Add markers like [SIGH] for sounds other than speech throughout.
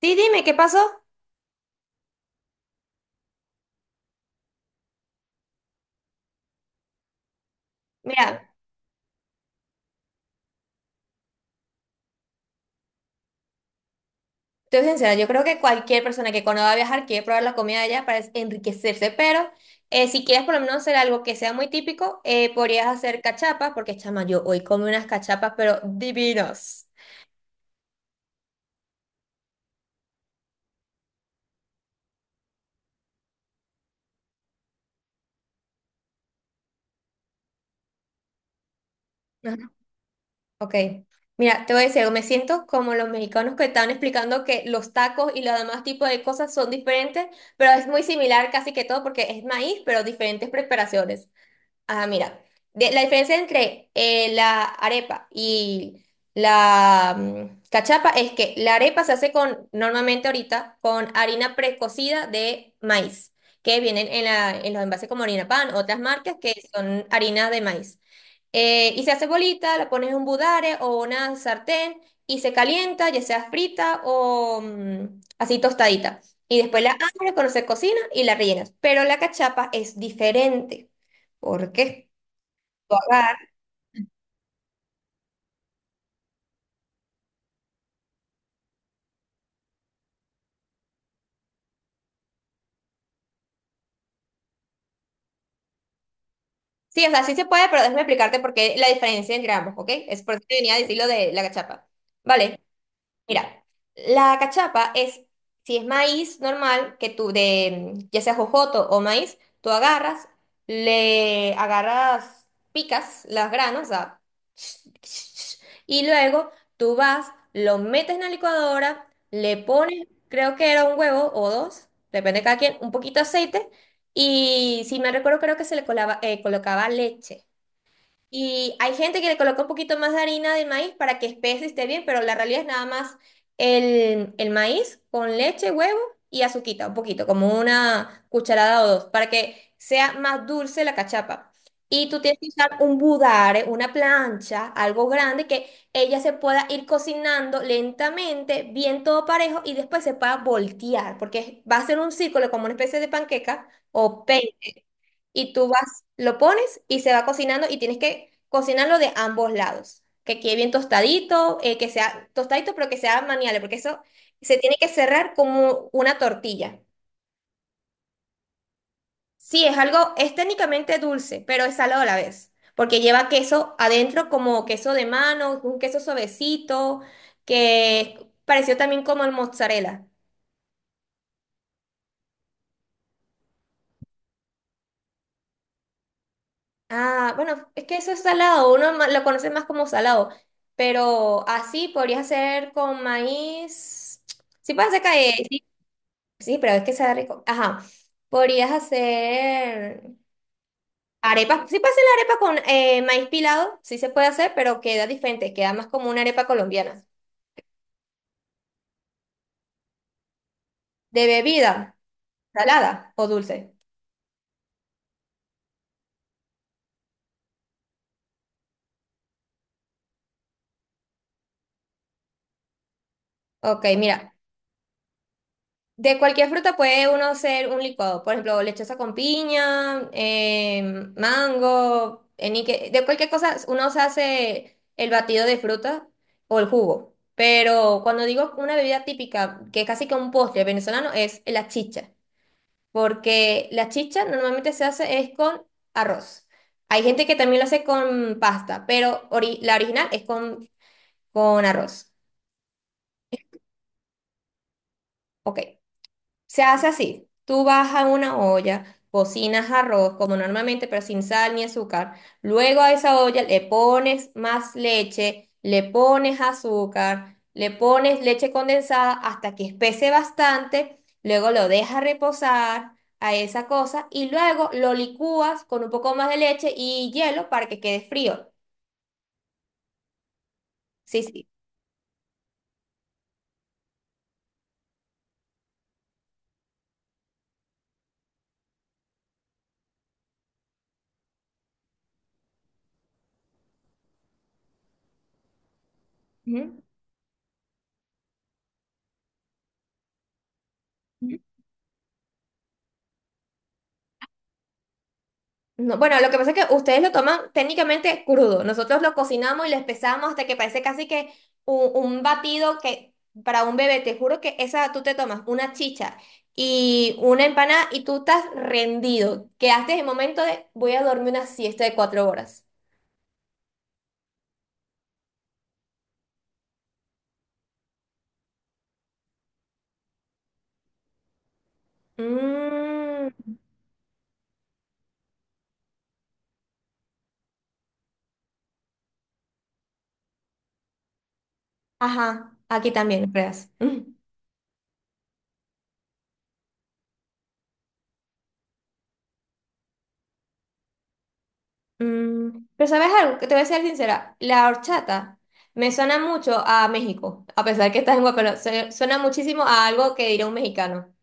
Sí, dime, ¿qué pasó? Mira, te soy sincera, yo creo que cualquier persona que cuando va a viajar quiere probar la comida de allá para enriquecerse, pero si quieres por lo menos hacer algo que sea muy típico, podrías hacer cachapas, porque chama, yo hoy comí unas cachapas, pero divinos. Ajá. Ok, mira, te voy a decir algo, me siento como los mexicanos que estaban explicando que los tacos y los demás tipos de cosas son diferentes, pero es muy similar casi que todo porque es maíz, pero diferentes preparaciones. Ah, mira, la diferencia entre la arepa y la cachapa es que la arepa se hace con, normalmente ahorita, con harina precocida de maíz, que vienen en, en los envases como harina pan, otras marcas que son harinas de maíz. Y se hace bolita, la pones en un budare o una sartén y se calienta, ya sea frita o así tostadita. Y después la abres cuando se cocina y la rellenas. Pero la cachapa es diferente. ¿Por qué? Tú agar- Sí, o sea, sí se puede, pero déjame explicarte por qué la diferencia en gramos, ¿ok? Es por eso que venía a decirlo de la cachapa. Vale, mira, la cachapa es, si es maíz normal, que tú de, ya sea jojoto o maíz, tú agarras, le agarras, picas las granos, o sea, y luego tú vas, lo metes en la licuadora, le pones, creo que era un huevo o dos, depende de cada quien, un poquito de aceite, y si me recuerdo, creo que se le colocaba leche. Y hay gente que le coloca un poquito más de harina de maíz para que espese y esté bien, pero la realidad es nada más el maíz con leche, huevo y azuquita, un poquito, como una cucharada o dos, para que sea más dulce la cachapa. Y tú tienes que usar un budare, una plancha, algo grande, que ella se pueda ir cocinando lentamente, bien todo parejo, y después se pueda voltear, porque va a ser un círculo como una especie de panqueca o y tú vas, lo pones y se va cocinando y tienes que cocinarlo de ambos lados. Que quede bien tostadito, que sea tostadito, pero que sea maniable, porque eso se tiene que cerrar como una tortilla. Sí, es algo, es técnicamente dulce, pero es salado a la vez, porque lleva queso adentro como queso de mano, un queso suavecito, que pareció también como el mozzarella. Ah, bueno, es que eso es salado, lo conoce más como salado, pero así podría hacer con maíz. Sí, puede hacer que, sí, sí, pero es que sea rico. Ajá, podrías hacer arepas. Sí, puedes hacer la arepa con maíz pilado, sí se puede hacer, pero queda diferente, queda más como una arepa colombiana. De bebida, salada o dulce. Ok, mira. De cualquier fruta puede uno hacer un licuado, por ejemplo, lechosa con piña, mango, enique, de cualquier cosa uno se hace el batido de fruta o el jugo. Pero cuando digo una bebida típica, que es casi que un postre venezolano, es la chicha, porque la chicha normalmente se hace es con arroz. Hay gente que también lo hace con pasta, pero la original es con arroz. Ok. Se hace así. Tú vas a una olla, cocinas arroz como normalmente, pero sin sal ni azúcar. Luego a esa olla le pones más leche, le pones azúcar, le pones leche condensada hasta que espese bastante. Luego lo dejas reposar a esa cosa y luego lo licúas con un poco más de leche y hielo para que quede frío. Sí, sí. Ujú. No, bueno, lo que pasa es que ustedes lo toman técnicamente crudo. Nosotros lo cocinamos y lo espesamos hasta que parece casi que un batido que para un bebé, te juro que esa tú te tomas una chicha y una empanada y tú estás rendido. Quedaste en el momento de voy a dormir una siesta de 4 horas. Mm, ajá, aquí también, no creas. Mm, pero ¿sabes algo? Que te voy a ser sincera. La horchata me suena mucho a México, a pesar que está en Guacamole. Suena muchísimo a algo que diría un mexicano.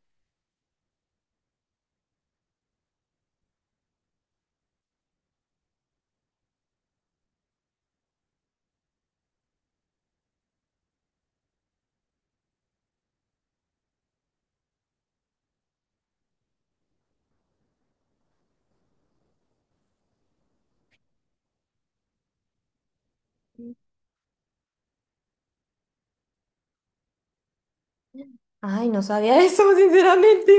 Ay, no sabía eso, [LAUGHS] sinceramente.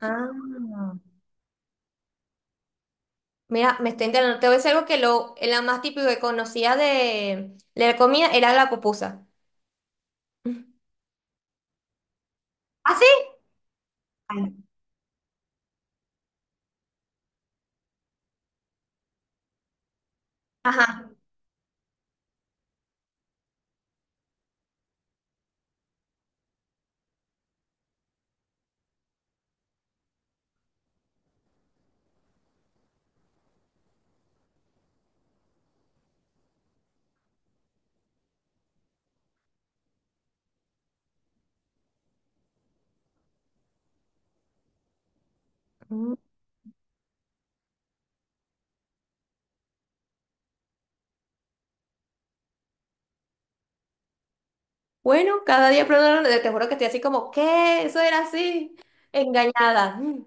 Ah. Mira, me está enterando. Te voy a decir algo que lo, la más típico que conocía de la comida era la pupusa. ¿Ah, sí? Ay. Ajá. Mm. Bueno, cada día probando, te juro que estoy así como, ¿qué? Eso era así. Engañada. Mm.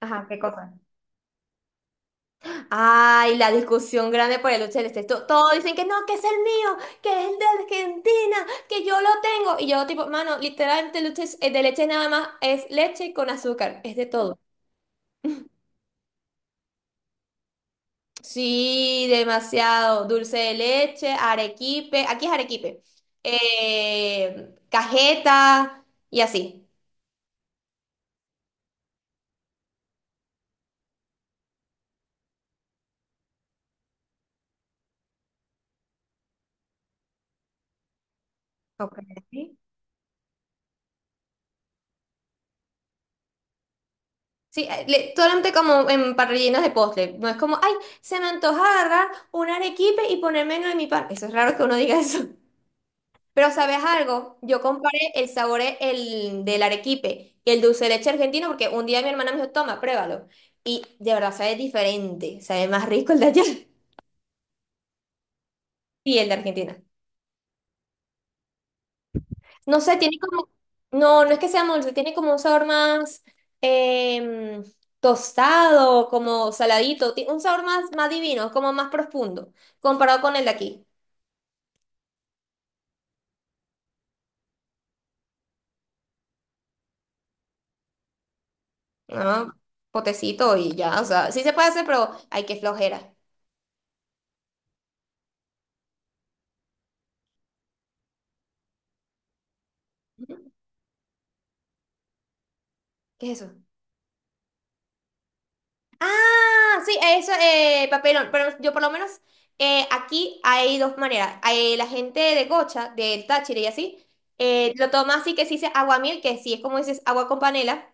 Ajá, qué cosa. Ay, la discusión grande por el Lucha del Este. Todos dicen que no, que es el mío, que es el de Argentina, que yo lo tengo. Y yo, tipo, mano, literalmente el Lucha el de leche nada más es leche con azúcar, es de todo. Sí, demasiado. Dulce de leche, arequipe, aquí es arequipe, cajeta y así. Ok. Sí, solamente como en parrillinas de postre. No es como, ay, se me antoja agarrar un arequipe y ponerme en mi pan. Eso es raro que uno diga eso. Pero ¿sabes algo? Yo comparé el sabor el, del arequipe y el dulce de leche argentino porque un día mi hermana me dijo, toma, pruébalo. Y de verdad sabe diferente, sabe más rico el de allá [LAUGHS] y el de Argentina. No sé, tiene como, no, no es que sea dulce, tiene como un sabor más em, tostado, como saladito, un sabor más, más divino, como más profundo, comparado con el de aquí. No, potecito y ya, o sea, sí se puede hacer, pero hay que flojera. Ujú. ¿Qué es eso? Ah, sí, eso, papelón. Pero yo por lo menos aquí hay dos maneras. Hay la gente de Gocha, del Táchira y así, lo toma así que se dice aguamiel, que sí es como dices agua con panela.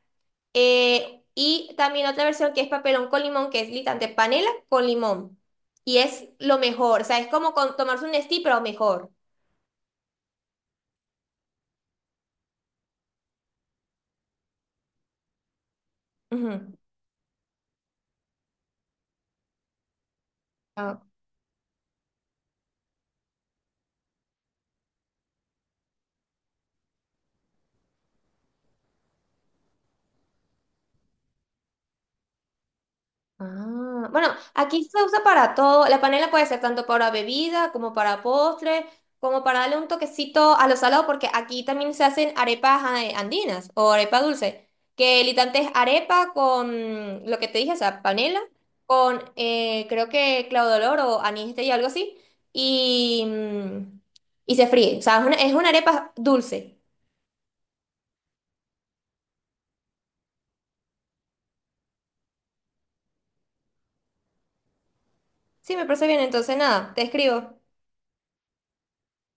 Y también otra versión que es papelón con limón, que es literalmente panela con limón. Y es lo mejor, o sea, es como con tomarse un Nestí, pero mejor. Ujú. Ah, bueno, aquí se usa para todo. La panela puede ser tanto para bebida como para postre, como para darle un toquecito a lo salado, porque aquí también se hacen arepas andinas o arepa dulce, que literalmente es arepa con lo que te dije, o sea, panela, con creo que claudolor o anís y algo así, y y se fríe. O sea, es una arepa dulce. Sí, me parece bien, entonces nada, te escribo.